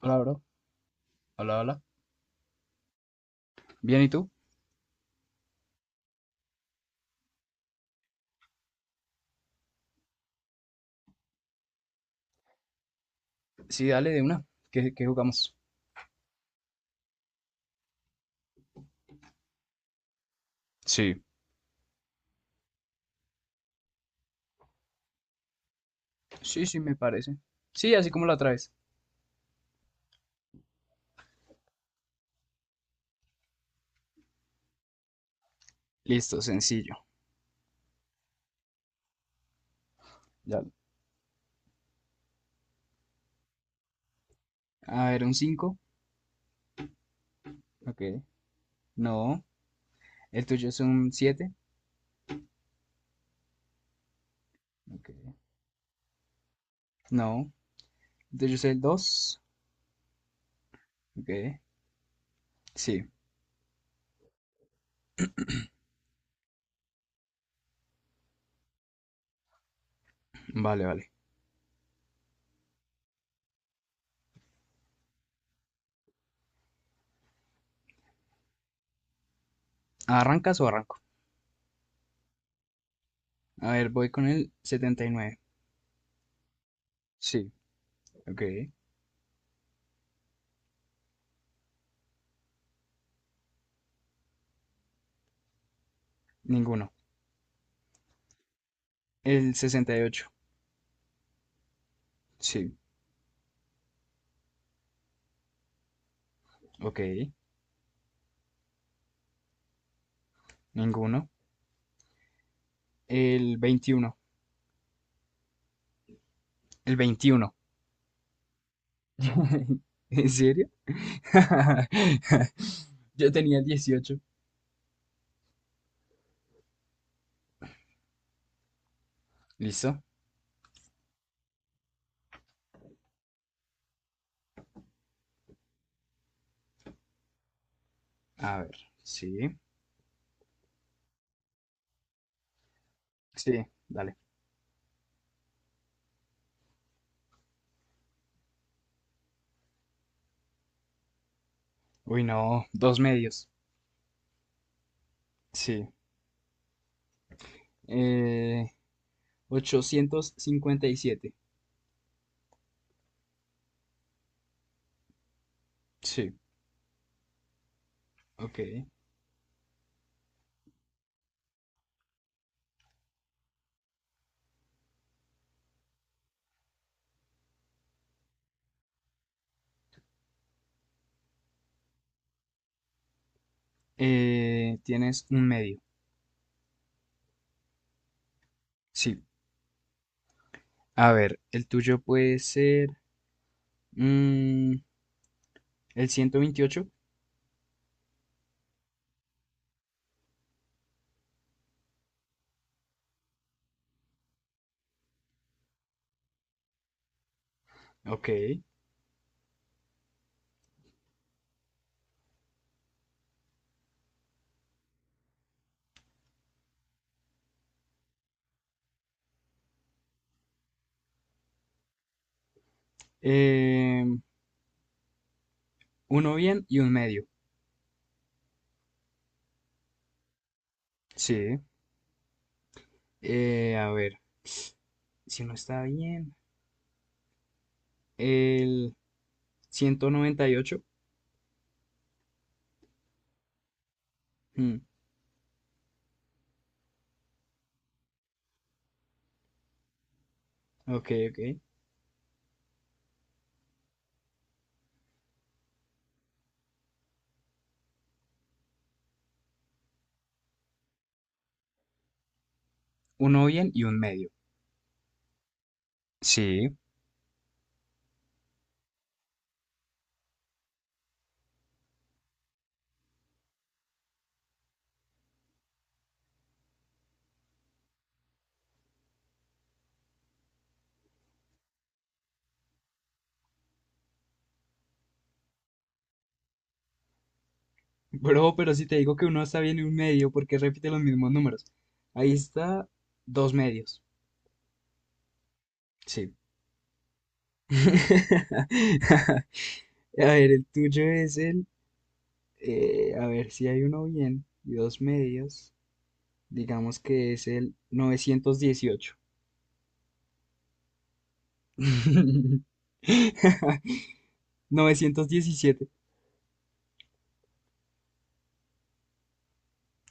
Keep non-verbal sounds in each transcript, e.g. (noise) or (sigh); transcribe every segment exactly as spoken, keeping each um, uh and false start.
Hola, bro. Hola, hola. Bien, ¿y tú? Sí, dale de una. ¿Qué, qué jugamos? Sí. Sí, sí, me parece. Sí, así como la traes. Listo, sencillo. Ya. A ver, un cinco. Ok. No. El tuyo es un siete. Ok. No. El tuyo es el dos. Ok. Sí. Vale, vale. ¿Arrancas o arranco? A ver, voy con el setenta y nueve. Sí. Ok. Ninguno. El sesenta y ocho. Sí. Ok. Ninguno. El veintiuno. El veintiuno. (laughs) ¿En serio? (laughs) Yo tenía dieciocho. ¿Listo? A ver. Sí. Sí, dale. Uy, no. Dos medios. Sí. Eh, ochocientos cincuenta y siete. Sí. Ok. Eh, tienes un medio. Sí. A ver, el tuyo puede ser mm, el ciento veintiocho. Ok. Eh, uno bien y un medio. Sí. Eh, a ver, si no está bien, el ciento noventa y ocho. Mm, ok, ok. Uno bien y un medio. Sí. Bro, pero si te digo que uno está bien y un medio, ¿por qué repite los mismos números? Ahí está dos medios. Sí. (laughs) A ver, el tuyo es el... eh, a ver si hay uno bien y dos medios. Digamos que es el novecientos dieciocho. (laughs) Novecientos diecisiete.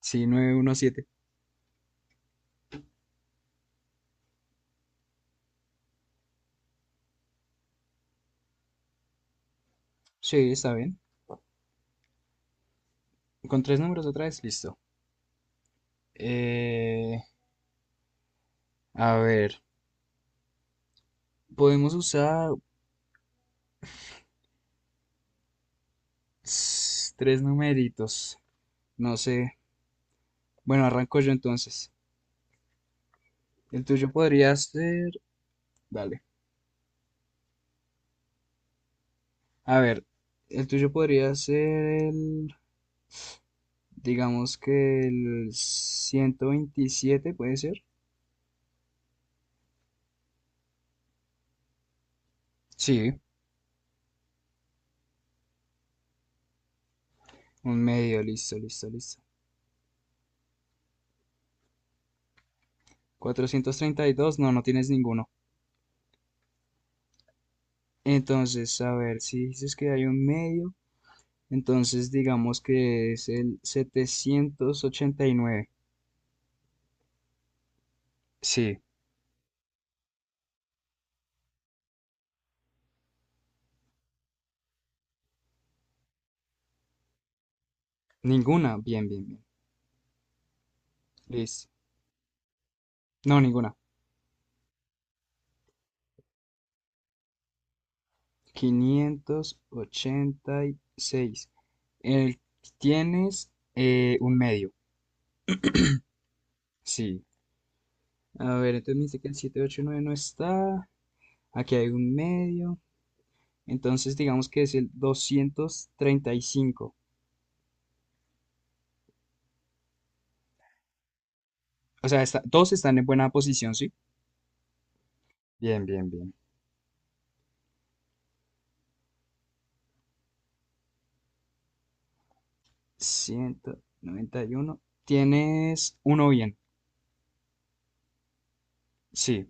Sí, novecientos diecisiete. Sí, está bien. Con tres números otra vez. Listo. Eh, A ver, podemos usar ss, tres numeritos. No sé. Bueno, arranco yo entonces. El tuyo podría ser. Dale. A ver, el tuyo podría ser el... digamos que el ciento veintisiete, ¿puede ser? Sí, un medio, listo, listo, listo. Cuatrocientos treinta y dos, no, no tienes ninguno. Entonces, a ver, si dices que hay un medio, entonces digamos que es el setecientos ochenta y nueve. Sí. Ninguna. Bien, bien, bien. Listo. No, ninguna. Quinientos ochenta y seis. El, tienes eh, un medio. Sí. A ver, entonces me dice que el setecientos ochenta y nueve no está. Aquí hay un medio. Entonces digamos que es el doscientos treinta y cinco. O sea, está- dos están en buena posición, ¿sí? Bien, bien, bien. Ciento noventa y uno. Tienes uno bien. Sí.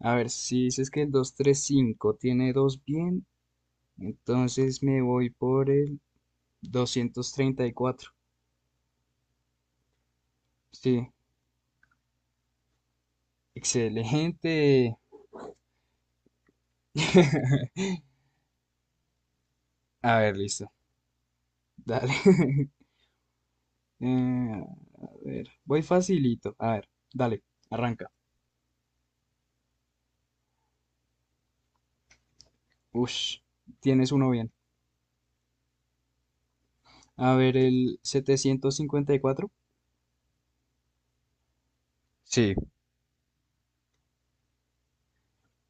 A ver, si dices que el doscientos treinta y cinco tiene dos bien, entonces me voy por el doscientos treinta y cuatro. Sí, excelente. (laughs) A ver, listo. Dale. (laughs) Eh, a ver, voy facilito. A ver, dale, arranca. Ush, tienes uno bien. A ver, el setecientos cincuenta y cuatro. Sí.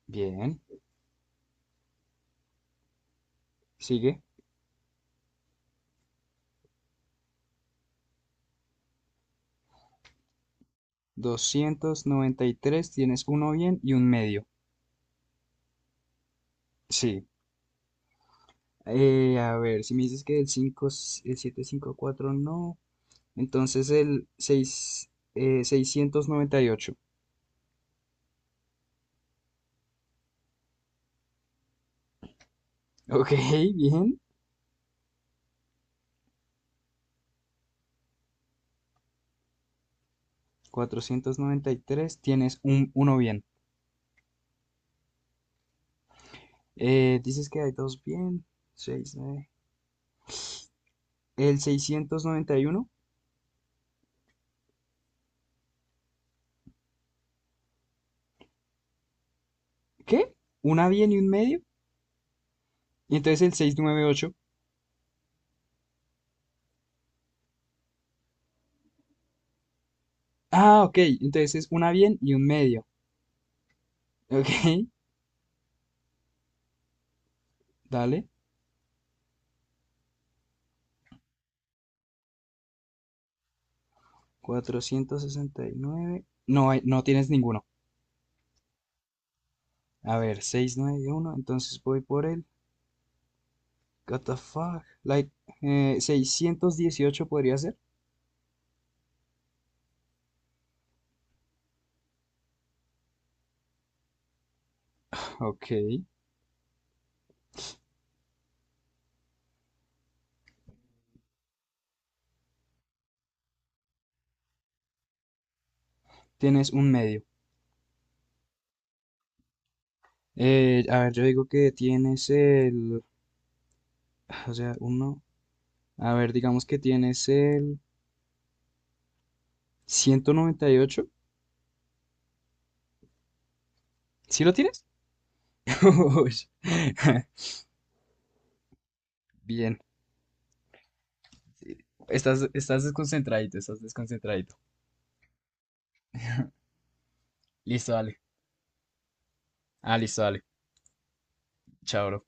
Bien. Sigue. Doscientos noventa y tres. Tienes uno bien y un medio. Sí. Eh, a ver, si me dices que el cinco, el setecientos cincuenta y cuatro no, entonces el seis, eh, seiscientos noventa y ocho. (laughs) Ok, bien. Cuatrocientos noventa y tres. Tienes un, uno bien. Eh, dices que hay dos bien. seis. El seiscientos noventa y uno. ¿Qué? ¿Una bien y un medio? Y entonces el seiscientos noventa y ocho. Ah, ok. Entonces es una bien y un medio. (laughs) Ok, dale. Cuatrocientos sesenta y nueve, no, no tienes ninguno. A ver, seiscientos noventa y uno. Entonces voy por el What the fuck? Like, eh, seiscientos dieciocho podría ser. Ok. Tienes un medio. Eh, a ver, yo digo que tienes el... o sea, uno... a ver, digamos que tienes el ciento noventa y ocho. ¿Sí lo tienes? (laughs) Uy. (laughs) Bien. Estás, estás desconcentradito, estás desconcentradito. Listo, dale. Ah, listo, dale. Chao, bro.